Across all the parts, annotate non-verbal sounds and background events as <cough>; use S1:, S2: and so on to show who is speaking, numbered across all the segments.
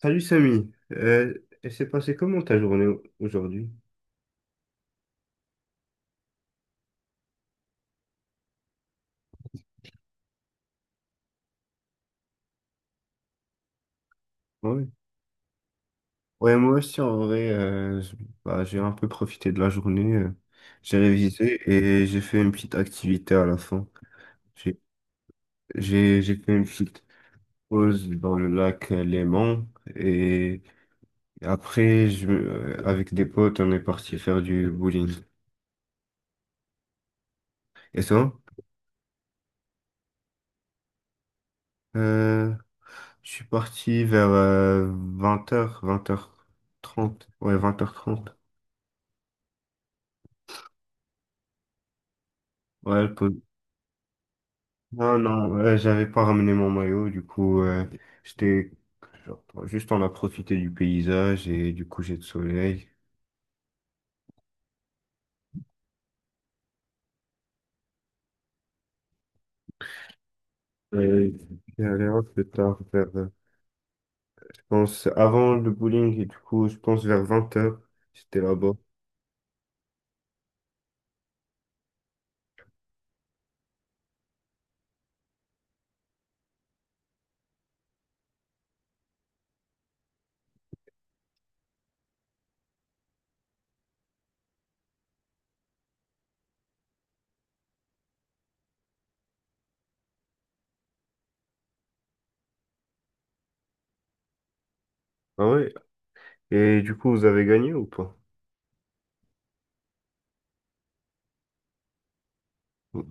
S1: Salut Samy, elle s'est passée comment ta journée aujourd'hui? Ouais. Ouais, moi aussi en vrai, bah, j'ai un peu profité de la journée, j'ai révisé et j'ai fait une petite activité à la fin. J'ai j'ai fait une petite pause dans le lac Léman et après, avec des potes, on est parti faire du bowling. Et ça? Euh, je suis parti vers vingt heures, vingt heures trente. Ouais, vingt heures trente. Ouais. Non, non, j'avais pas ramené mon maillot, du coup, j'étais juste on a profité du paysage et du coucher de soleil. Euh, J'étais allé un peu tard, vers, je pense, avant le bowling, et du coup, je pense vers vingt heures j'étais là-bas. Ah ouais? Et du coup, vous avez gagné ou pas? Ok.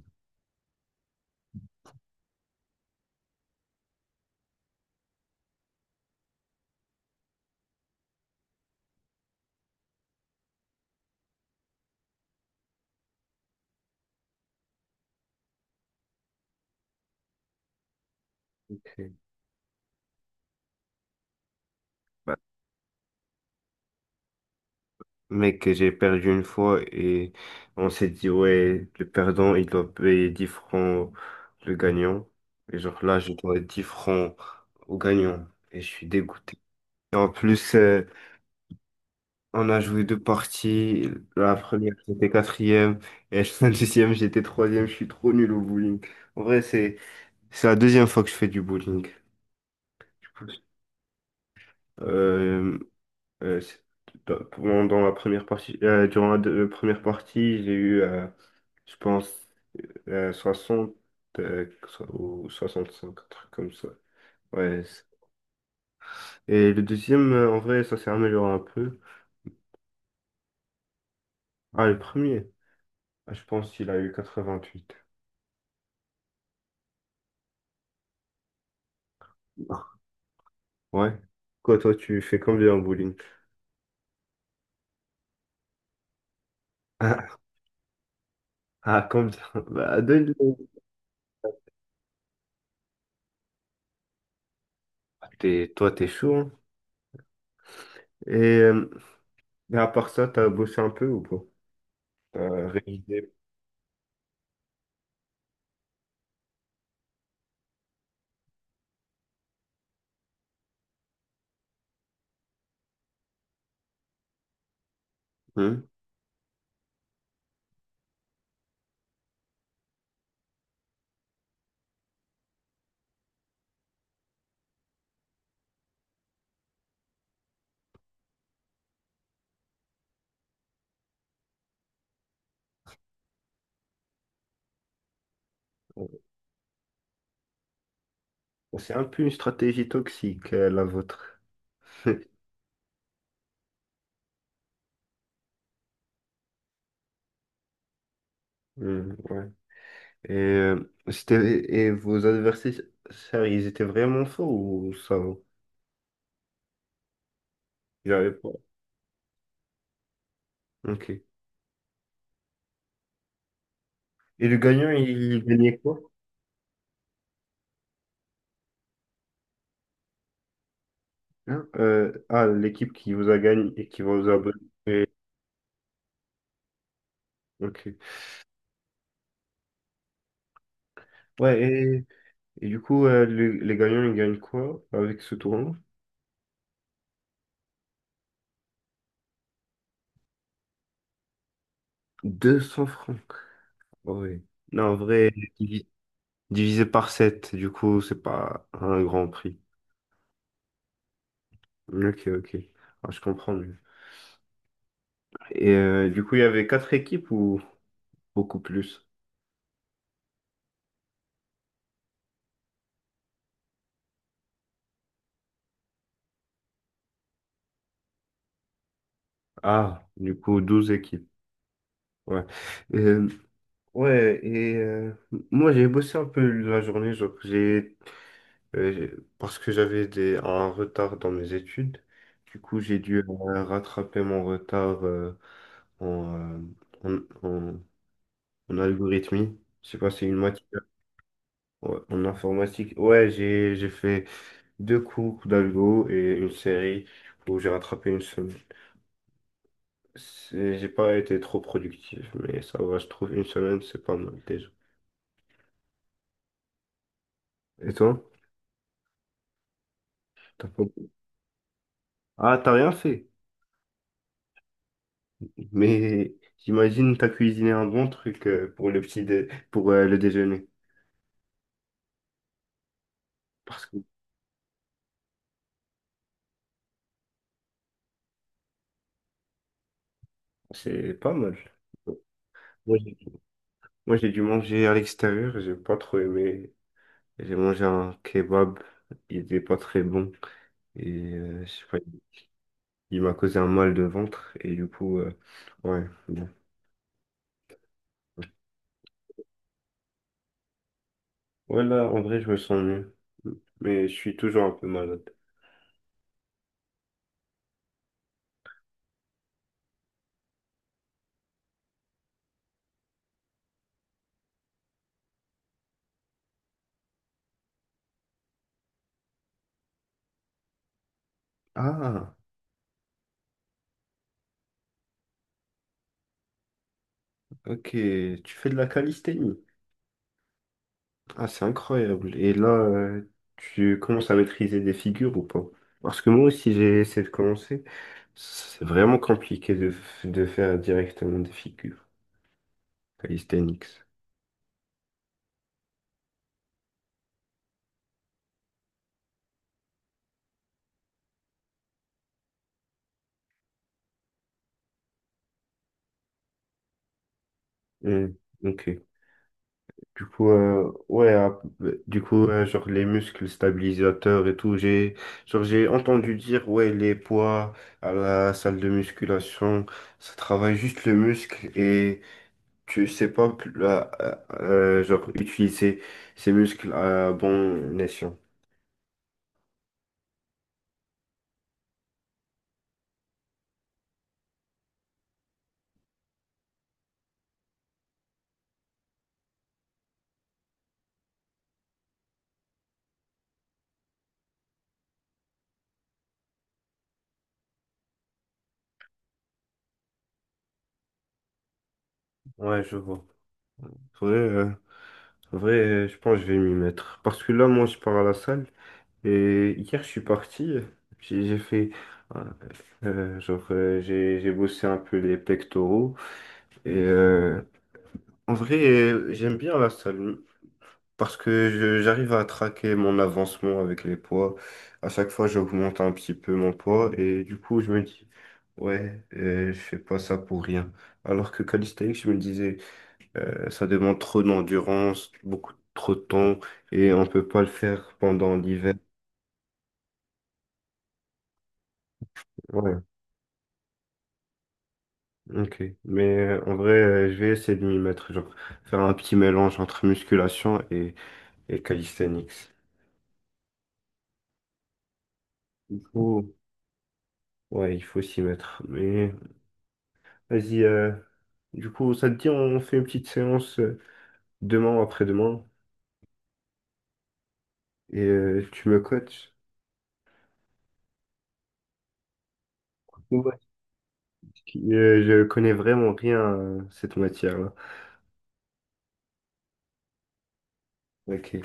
S1: Mais que j'ai perdu une fois et on s'est dit, ouais, le perdant, il doit payer 10 francs le gagnant. Et genre là, je dois 10 francs au gagnant et je suis dégoûté. Et en plus, on a joué deux parties. La première, j'étais quatrième et <laughs> la deuxième, j'étais troisième. Je suis trop nul au bowling. En vrai, c'est la deuxième fois que je fais du bowling. Euh, Euh, c'est- Dans la première partie, première partie, j'ai eu, je pense, 60 ou 65, un truc comme ça. Ouais. c'est- Et le deuxième, en vrai, ça s'est amélioré un peu. Ah, le premier, ah, je pense qu'il a eu 88. Ouais. Quoi, toi, tu fais combien en bowling? <laughs> Ah, ah, combien? Bah, deux. T'es, toi, t'es chaud, hein. Et, euh, mais à part ça, t'as bossé un peu ou pas? T'as révisé? Hmm. Bon, c'est un peu une stratégie toxique, la vôtre. <laughs> Hmm, ouais. Et vos adversaires, ils étaient vraiment forts ou ça va? Ils avaient pas. Ok. Et le gagnant, il gagnait quoi? Hein. L'équipe qui vous a gagné et qui vous a battu. Ok. Ouais, et et, du coup, les gagnants, ils gagnent quoi avec ce tournoi? 200 francs. Oui. Non, en vrai, divi- divisé par 7 du coup, c'est pas un grand prix. Ok, ok. Ah, je comprends mieux. Et du coup, il y avait quatre équipes ou beaucoup plus? Ah, du coup, 12 équipes. Ouais. Euh, ouais, moi, j'ai bossé un peu la journée. Genre, euh, j'ai- parce que j'avais un retard dans mes études. Du coup, j'ai dû rattraper mon retard en, euh, en, en, en algorithmie. Je sais pas, c'est une matière, ouais, en informatique. Ouais, j'ai fait deux cours d'algo et une série où j'ai rattrapé une semaine. J'ai pas été trop productif, mais ça va, je trouve une semaine, c'est pas mal déjà. Et toi? T'as pas- Ah, t'as rien fait. Mais j'imagine t'as cuisiné un bon truc pour le déjeuner. Parce que c'est pas mal. Moi, j'ai Moi, j'ai dû manger à l'extérieur, j'ai pas trop aimé. J'ai mangé un kebab, il était pas très bon. Et je sais pas, il m'a causé un mal de ventre. Et du coup, ouais. Bon. Ouais, là, en vrai, je me sens mieux. Mais je suis toujours un peu malade. Ah, ok. Tu fais de la calisthénie. Ah, c'est incroyable. Et là, tu commences à maîtriser des figures ou pas? Parce que moi aussi, j'ai essayé de commencer. C'est vraiment compliqué de, de faire directement des figures. Calisthenics. Hmm, ok. Du coup, ouais, du coup, genre les muscles stabilisateurs et tout, genre j'ai entendu dire, ouais, les poids à la salle de musculation, ça travaille juste le muscle et tu sais pas, plus genre utiliser ces muscles à bon escient. Ouais, je vois. Vrai, euh, Vrai, je pense que je vais m'y mettre. Parce que là, moi, je pars à la salle. Et hier, je suis parti, j'ai fait, euh, j'ai bossé un peu les pectoraux. Et euh, En vrai, j'aime bien la salle parce que j'arrive à traquer mon avancement avec les poids. À chaque fois, j'augmente un petit peu mon poids et du coup, je me dis, ouais, je fais pas ça pour rien. Alors que calisthenics, je me disais, ça demande trop d'endurance, beaucoup trop de temps et on peut pas le faire pendant l'hiver. Ouais. Ok, mais en vrai, je vais essayer de m'y mettre, genre faire un petit mélange entre musculation et calisthenics. Il faut, ouais, il faut s'y mettre. Mais vas-y, du coup, ça te dit, on fait une petite séance demain ou après-demain et tu me coaches. Ouais, je connais vraiment rien à cette matière-là. Ok,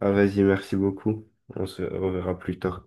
S1: ah, vas-y, merci beaucoup. On se reverra plus tard.